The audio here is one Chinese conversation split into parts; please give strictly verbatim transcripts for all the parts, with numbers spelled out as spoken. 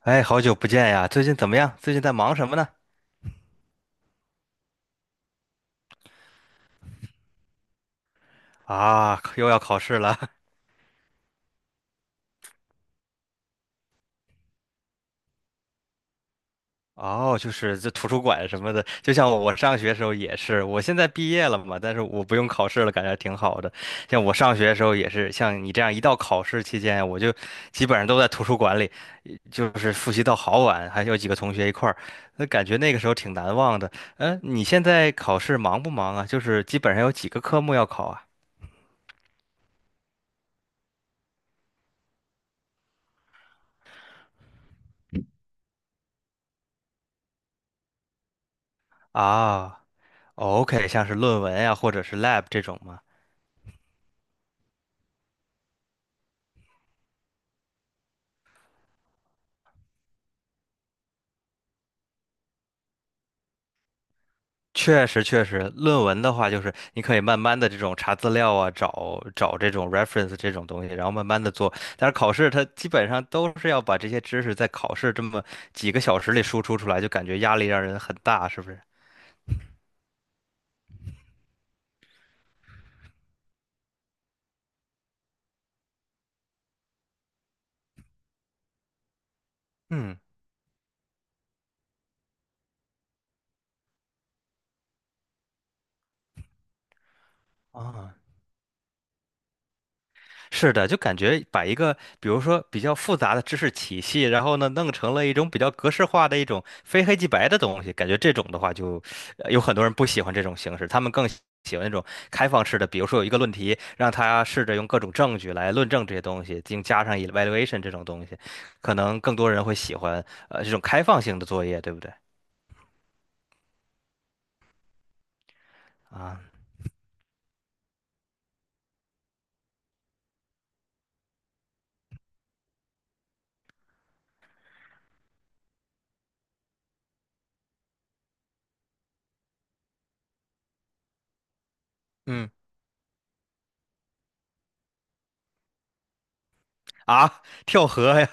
哎，好久不见呀！最近怎么样？最近在忙什么呢？啊，又要考试了。哦，就是这图书馆什么的，就像我上学时候也是，我现在毕业了嘛，但是我不用考试了，感觉挺好的。像我上学的时候也是，像你这样一到考试期间，我就基本上都在图书馆里，就是复习到好晚，还有几个同学一块儿，那感觉那个时候挺难忘的。嗯，你现在考试忙不忙啊？就是基本上有几个科目要考啊？啊。哦 OK，像是论文呀，或者是 lab 这种吗？确实，确实，论文的话，就是你可以慢慢的这种查资料啊，找找这种 reference 这种东西，然后慢慢的做。但是考试它基本上都是要把这些知识在考试这么几个小时里输出出来，就感觉压力让人很大，是不是？嗯，啊。是的，就感觉把一个，比如说比较复杂的知识体系，然后呢，弄成了一种比较格式化的一种非黑即白的东西，感觉这种的话就，呃有很多人不喜欢这种形式，他们更喜喜欢那种开放式的，比如说有一个论题，让他试着用各种证据来论证这些东西，并加上 evaluation 这种东西，可能更多人会喜欢呃这种开放性的作业，对不对？啊，嗯，啊，跳河呀，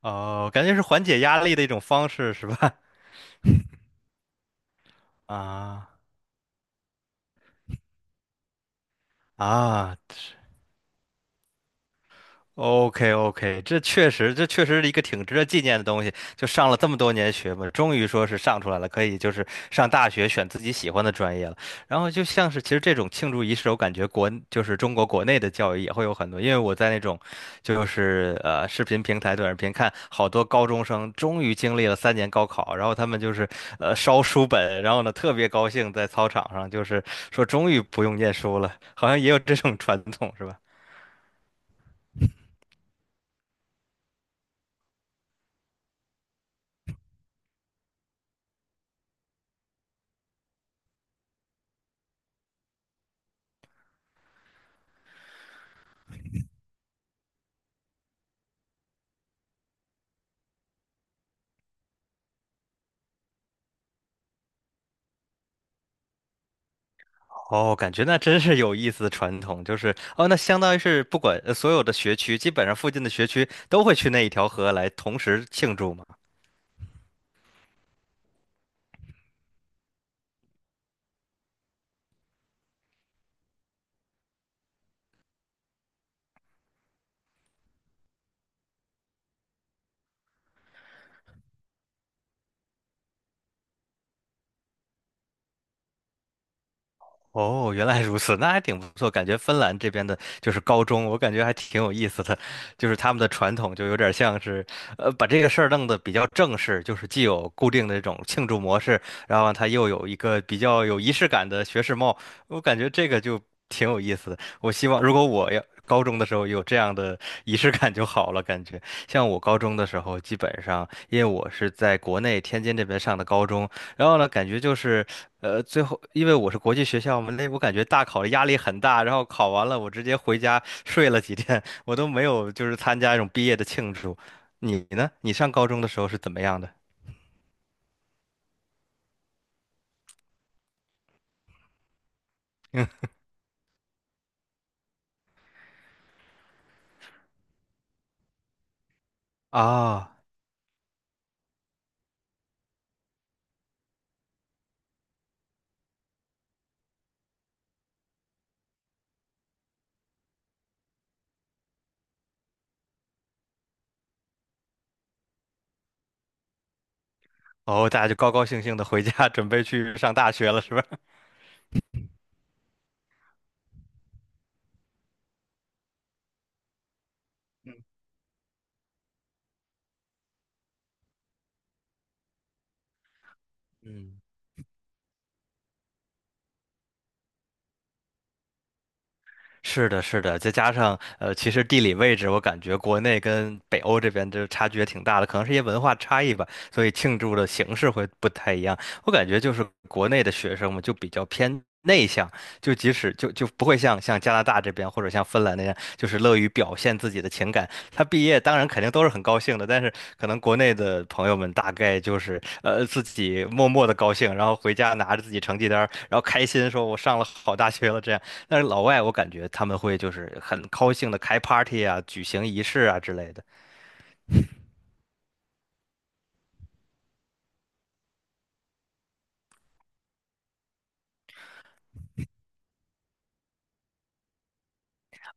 哦，感觉是缓解压力的一种方式，是吧？啊。啊，OK OK，这确实，这确实是一个挺值得纪念的东西。就上了这么多年学嘛，终于说是上出来了，可以就是上大学选自己喜欢的专业了。然后就像是其实这种庆祝仪式，我感觉国就是中国国内的教育也会有很多，因为我在那种就是呃视频平台、短视频看好多高中生终于经历了三年高考，然后他们就是呃烧书本，然后呢特别高兴在操场上，就是说终于不用念书了，好像也有这种传统是吧？哦，感觉那真是有意思的传统，就是哦，那相当于是不管呃所有的学区，基本上附近的学区都会去那一条河来同时庆祝嘛。哦，原来如此，那还挺不错。感觉芬兰这边的就是高中，我感觉还挺有意思的，就是他们的传统就有点像是，呃，把这个事儿弄得比较正式，就是既有固定的这种庆祝模式，然后它又有一个比较有仪式感的学士帽，我感觉这个就挺有意思的。我希望如果我要高中的时候有这样的仪式感就好了，感觉像我高中的时候，基本上因为我是在国内天津这边上的高中，然后呢，感觉就是，呃，最后因为我是国际学校嘛，那我感觉大考的压力很大，然后考完了我直接回家睡了几天，我都没有就是参加一种毕业的庆祝。你呢？你上高中的时候是怎么样的？啊，哦，大家就高高兴兴的回家准备去上大学了，是吧？嗯，是的，是的，再加上呃，其实地理位置，我感觉国内跟北欧这边就差距也挺大的，可能是一些文化差异吧，所以庆祝的形式会不太一样。我感觉就是国内的学生们就比较偏内向，就即使就就不会像像加拿大这边或者像芬兰那样，就是乐于表现自己的情感。他毕业当然肯定都是很高兴的，但是可能国内的朋友们大概就是呃自己默默的高兴，然后回家拿着自己成绩单儿然后开心说我上了好大学了这样。但是老外我感觉他们会就是很高兴的开 party 啊，举行仪式啊之类的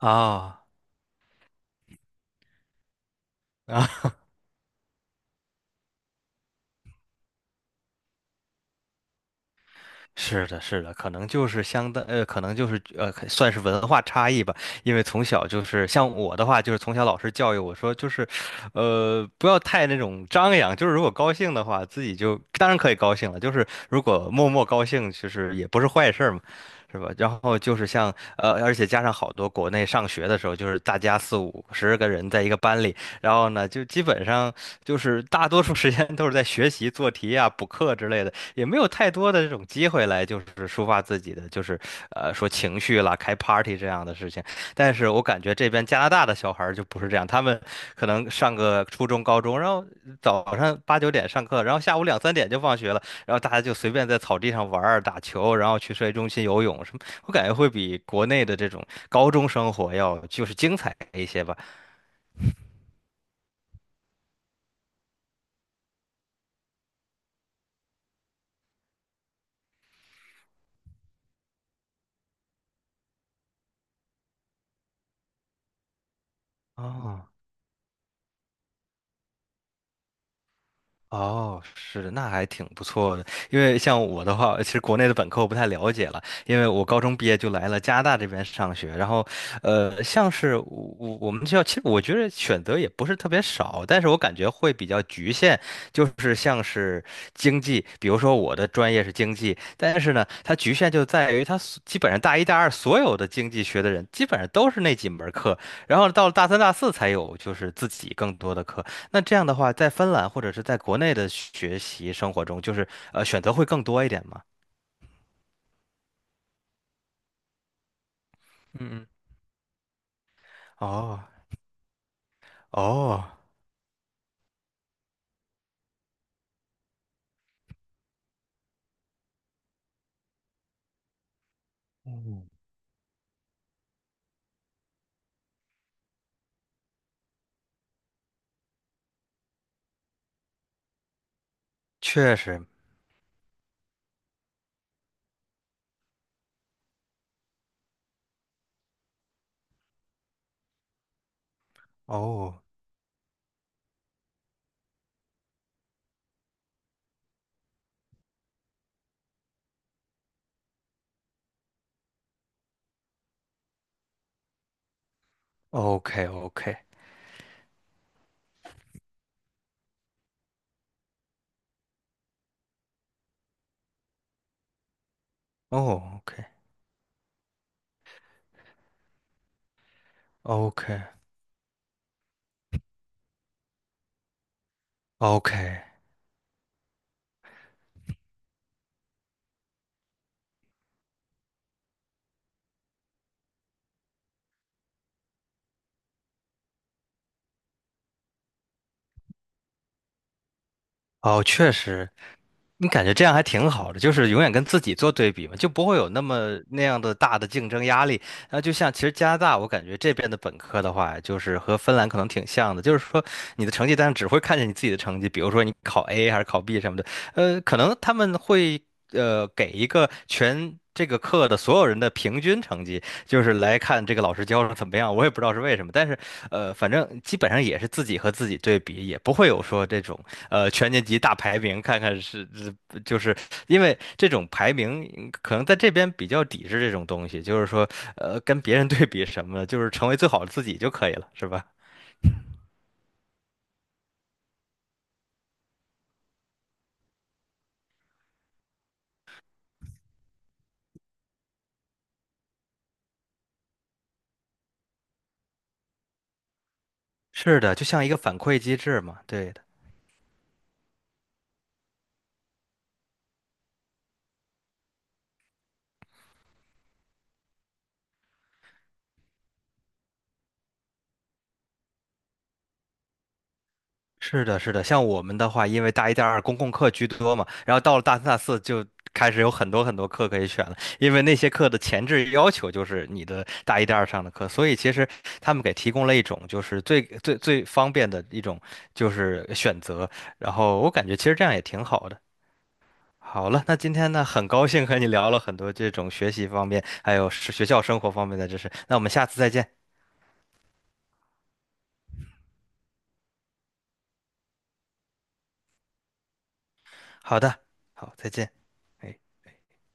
啊。啊，是的，是的，可能就是相当，呃，可能就是呃，可算是文化差异吧。因为从小就是像我的话，就是从小老师教育我说，就是，呃，不要太那种张扬。就是如果高兴的话，自己就当然可以高兴了。就是如果默默高兴，其实也不是坏事儿嘛，是吧？然后就是像呃，而且加上好多国内上学的时候，就是大家四五十个人在一个班里。然后呢，就基本上就是大多数时间都是在学习、做题啊、补课之类的，也没有太多的这种机会来就是抒发自己的，就是呃说情绪啦、开 party 这样的事情。但是我感觉这边加拿大的小孩儿就不是这样，他们可能上个初中、高中，然后早上八九点上课，然后下午两三点就放学了，然后大家就随便在草地上玩儿、打球，然后去社区中心游泳什么，我感觉会比国内的这种高中生活要就是精彩一些吧。哦哦，是，那还挺不错的。因为像我的话，其实国内的本科我不太了解了，因为我高中毕业就来了加拿大这边上学。然后，呃，像是我我我们学校，其实我觉得选择也不是特别少，但是我感觉会比较局限，就是像是经济，比如说我的专业是经济，但是呢，它局限就在于它所基本上大一大二所有的经济学的人基本上都是那几门课，然后到了大三大四才有就是自己更多的课。那这样的话，在芬兰或者是在国内的学习生活中，就是呃选择会更多一点吗？嗯嗯哦哦，嗯，确实哦，OK OK 哦 OK OK OK 哦，确实你感觉这样还挺好的，就是永远跟自己做对比嘛，就不会有那么那样的大的竞争压力。然后就像其实加拿大，我感觉这边的本科的话，就是和芬兰可能挺像的，就是说你的成绩单上只会看见你自己的成绩，比如说你考 A 还是考 B 什么的，呃，可能他们会呃给一个全。这个课的所有人的平均成绩，就是来看这个老师教的怎么样。我也不知道是为什么，但是，呃，反正基本上也是自己和自己对比，也不会有说这种呃全年级大排名，看看是就是因为这种排名嗯可能在这边比较抵制这种东西，就是说，呃，跟别人对比什么的，就是成为最好的自己就可以了，是吧？是的，就像一个反馈机制嘛，对的，是的，是的。像我们的话，因为大一、大二公共课居多嘛，然后到了大三、大四就开始有很多很多课可以选了，因为那些课的前置要求就是你的大一、大二上的课，所以其实他们给提供了一种就是最最最方便的一种就是选择，然后我感觉其实这样也挺好的。好了，那今天呢，很高兴和你聊了很多这种学习方面，还有是学校生活方面的知识。那我们下次再见。好的，好，再见。哎。